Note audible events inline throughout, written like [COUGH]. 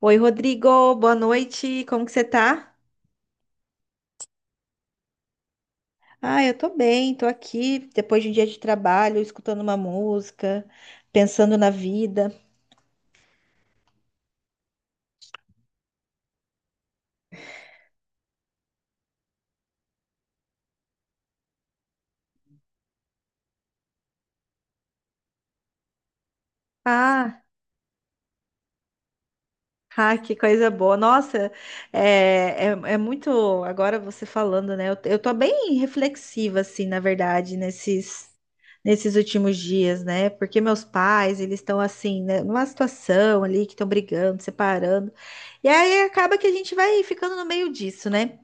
Oi, Rodrigo, boa noite. Como que você tá? Ah, eu tô bem, tô aqui depois de um dia de trabalho, escutando uma música, pensando na vida. Ah, ah, que coisa boa. Nossa, é, é, é muito. Agora você falando, né? Eu tô bem reflexiva, assim, na verdade, nesses últimos dias, né? Porque meus pais, eles estão assim, né? Numa situação ali que estão brigando, separando. E aí acaba que a gente vai ficando no meio disso, né?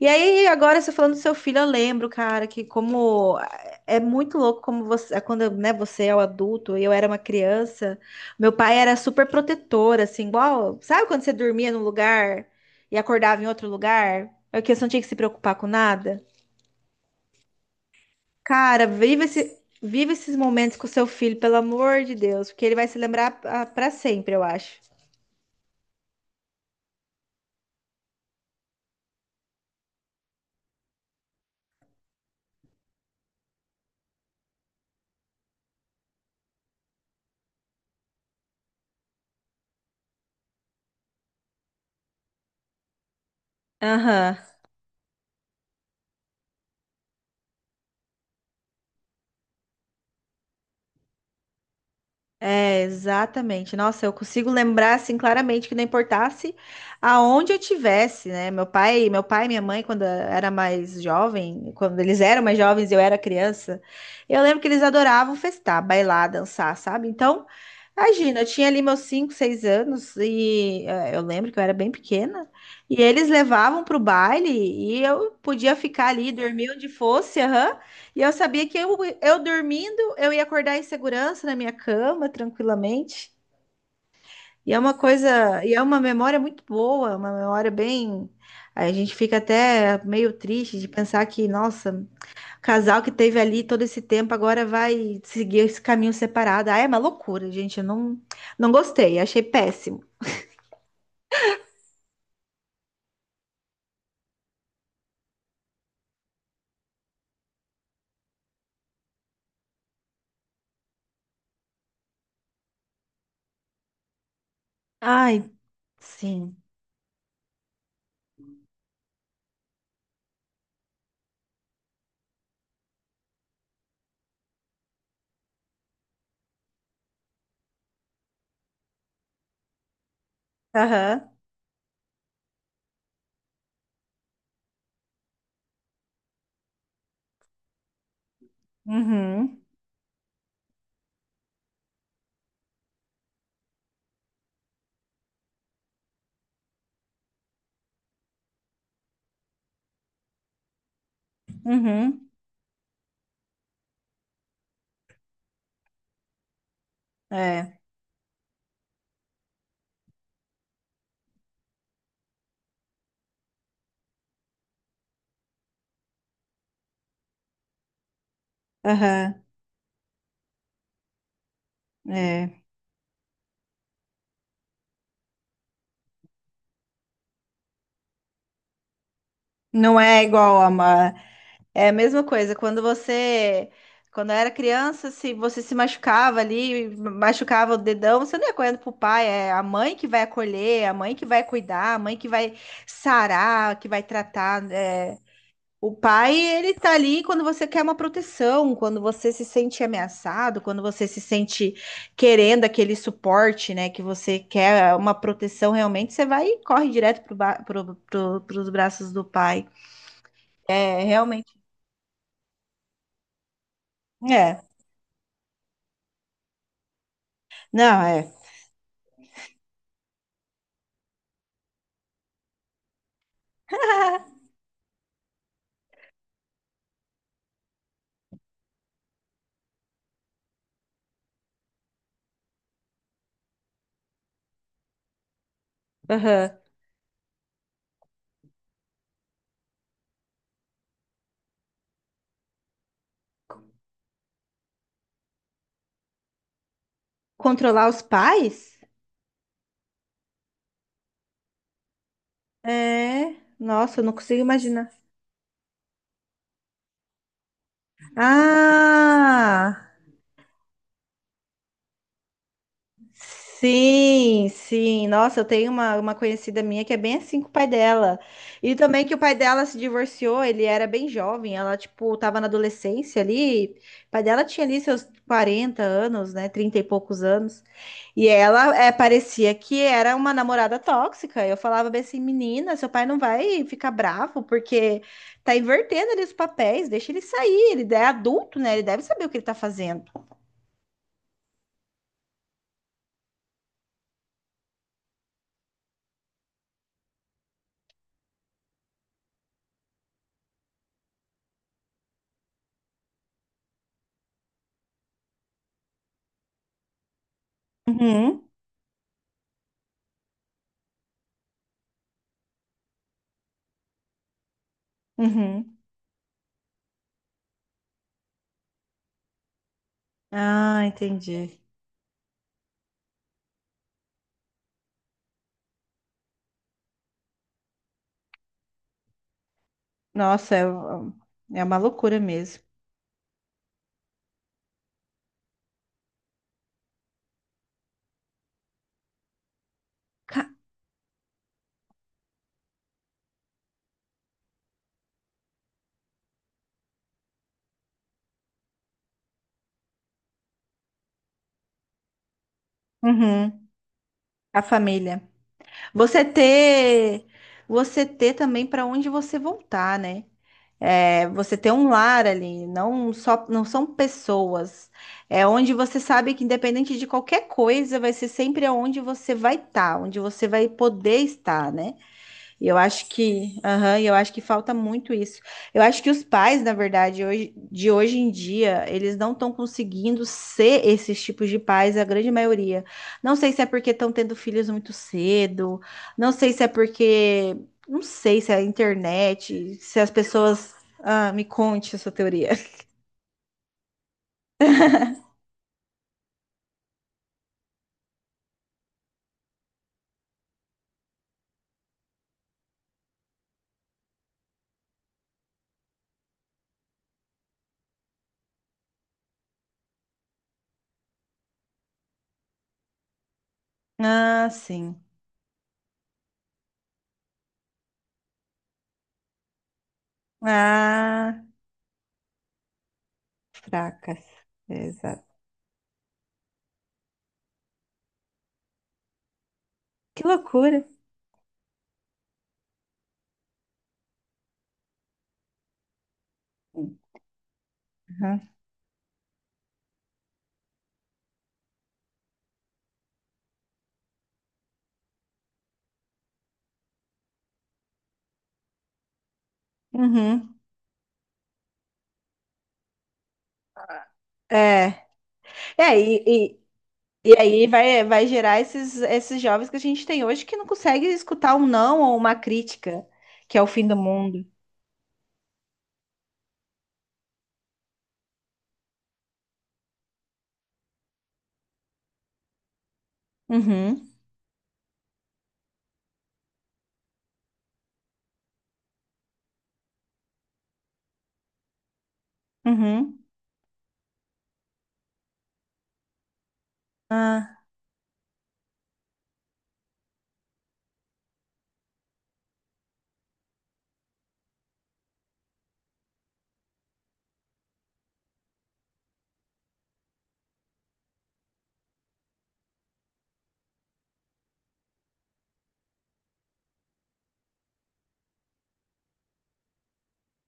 E aí, agora você falando do seu filho, eu lembro, cara, que como é muito louco como você, é quando, né, você é o adulto e eu era uma criança, meu pai era super protetor, assim, igual, sabe quando você dormia num lugar e acordava em outro lugar? É que você não tinha que se preocupar com nada? Cara, vive esses momentos com o seu filho, pelo amor de Deus, porque ele vai se lembrar pra sempre, eu acho. Aham. É, exatamente. Nossa, eu consigo lembrar assim claramente que não importasse aonde eu tivesse, né? Meu pai e minha mãe, quando eles eram mais jovens, e eu era criança, eu lembro que eles adoravam festar, bailar, dançar, sabe? Então, imagina, eu tinha ali meus 5, 6 anos e eu lembro que eu era bem pequena, e eles levavam pro baile e eu podia ficar ali, dormir onde fosse, aham. E eu sabia que eu dormindo, eu ia acordar em segurança na minha cama, tranquilamente. E é uma coisa, e é uma memória muito boa, uma memória bem. A gente fica até meio triste de pensar que, nossa, o casal que teve ali todo esse tempo agora vai seguir esse caminho separado. Ah, é uma loucura, gente. Eu não, não gostei, achei péssimo. Ai, sim. Aham. Uhum. Uhum. É. Aham. É. Não é igual a uma. É a mesma coisa. Quando eu era criança, se você se machucava ali, machucava o dedão, você não ia correndo pro pai, é a mãe que vai acolher, a mãe que vai cuidar, a mãe que vai sarar, que vai tratar. É. O pai, ele tá ali quando você quer uma proteção, quando você se sente ameaçado, quando você se sente querendo aquele suporte, né, que você quer uma proteção realmente, você vai e corre direto pros braços do pai. É, realmente. É. Não, é. [LAUGHS] Aham. Controlar os pais? É. Nossa, eu não consigo imaginar. Ah! Sim, sim. Nossa, eu tenho uma conhecida minha que é bem assim com o pai dela. E também que o pai dela se divorciou, ele era bem jovem, ela, tipo, tava na adolescência ali. O pai dela tinha ali seus 40 anos, né? 30 e poucos anos. E ela é, parecia que era uma namorada tóxica. Eu falava bem assim, menina, seu pai não vai ficar bravo, porque tá invertendo ali os papéis, deixa ele sair, ele é adulto, né? Ele deve saber o que ele tá fazendo. Uhum, uhum. Ah, entendi. Nossa, é uma loucura mesmo. Ca- Uhum, a família. Você ter, você ter também para onde você voltar, né? É, você ter um lar ali, não são pessoas. É onde você sabe que independente de qualquer coisa, vai ser sempre aonde você vai estar, onde você vai poder estar, né? E eu acho que, aham, e eu acho que falta muito isso. Eu acho que os pais, na verdade, de hoje em dia, eles não estão conseguindo ser esses tipos de pais, a grande maioria. Não sei se é porque estão tendo filhos muito cedo, não sei se é porque, não sei se é a internet, se as pessoas. Ah, me conte a sua teoria. [LAUGHS] Ah, sim. Ah, fracas. Exato. Que loucura. Uhum. Uhum. É. É, e, E aí vai, vai gerar esses jovens que a gente tem hoje que não consegue escutar um não ou uma crítica, que é o fim do mundo. Uhum, uhum. Ah,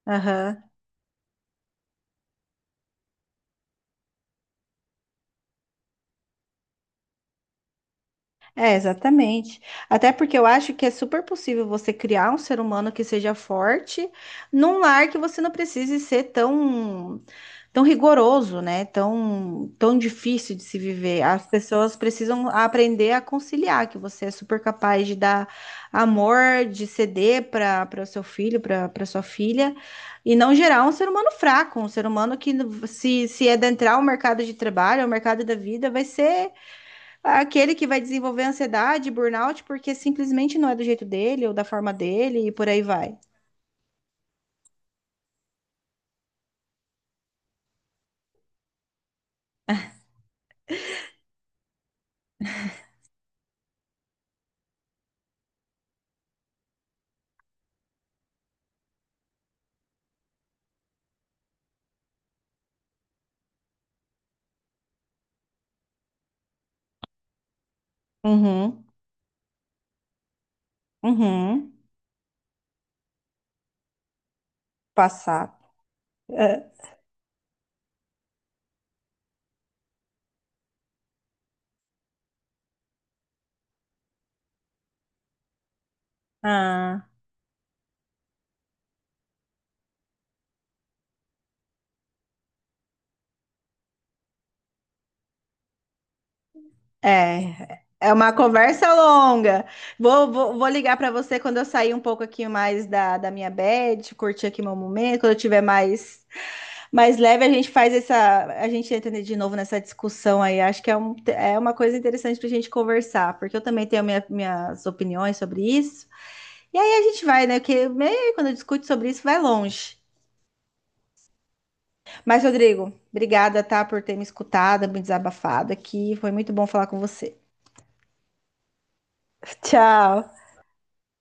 aham. É, exatamente. Até porque eu acho que é super possível você criar um ser humano que seja forte num lar que você não precise ser tão tão rigoroso, né? Tão difícil de se viver. As pessoas precisam aprender a conciliar, que você é super capaz de dar amor, de ceder para o seu filho, para sua filha, e não gerar um ser humano fraco, um ser humano que se adentrar o mercado de trabalho, o mercado da vida, vai ser aquele que vai desenvolver ansiedade, burnout, porque simplesmente não é do jeito dele ou da forma dele e por aí vai. Uhum, uhum. Passar. Ah. É, é uma conversa longa. Vou ligar para você quando eu sair um pouco aqui mais da minha bed, curtir aqui meu momento. Quando eu tiver mais, mais leve, a gente faz essa. A gente entra de novo nessa discussão aí. Acho que é, um, é uma coisa interessante para a gente conversar, porque eu também tenho minha- minhas opiniões sobre isso. E aí a gente vai, né? Porque meio quando eu discuto sobre isso, vai longe. Mas, Rodrigo, obrigada, tá, por ter me escutado, me desabafado aqui. Foi muito bom falar com você. [LAUGHS] Tchau.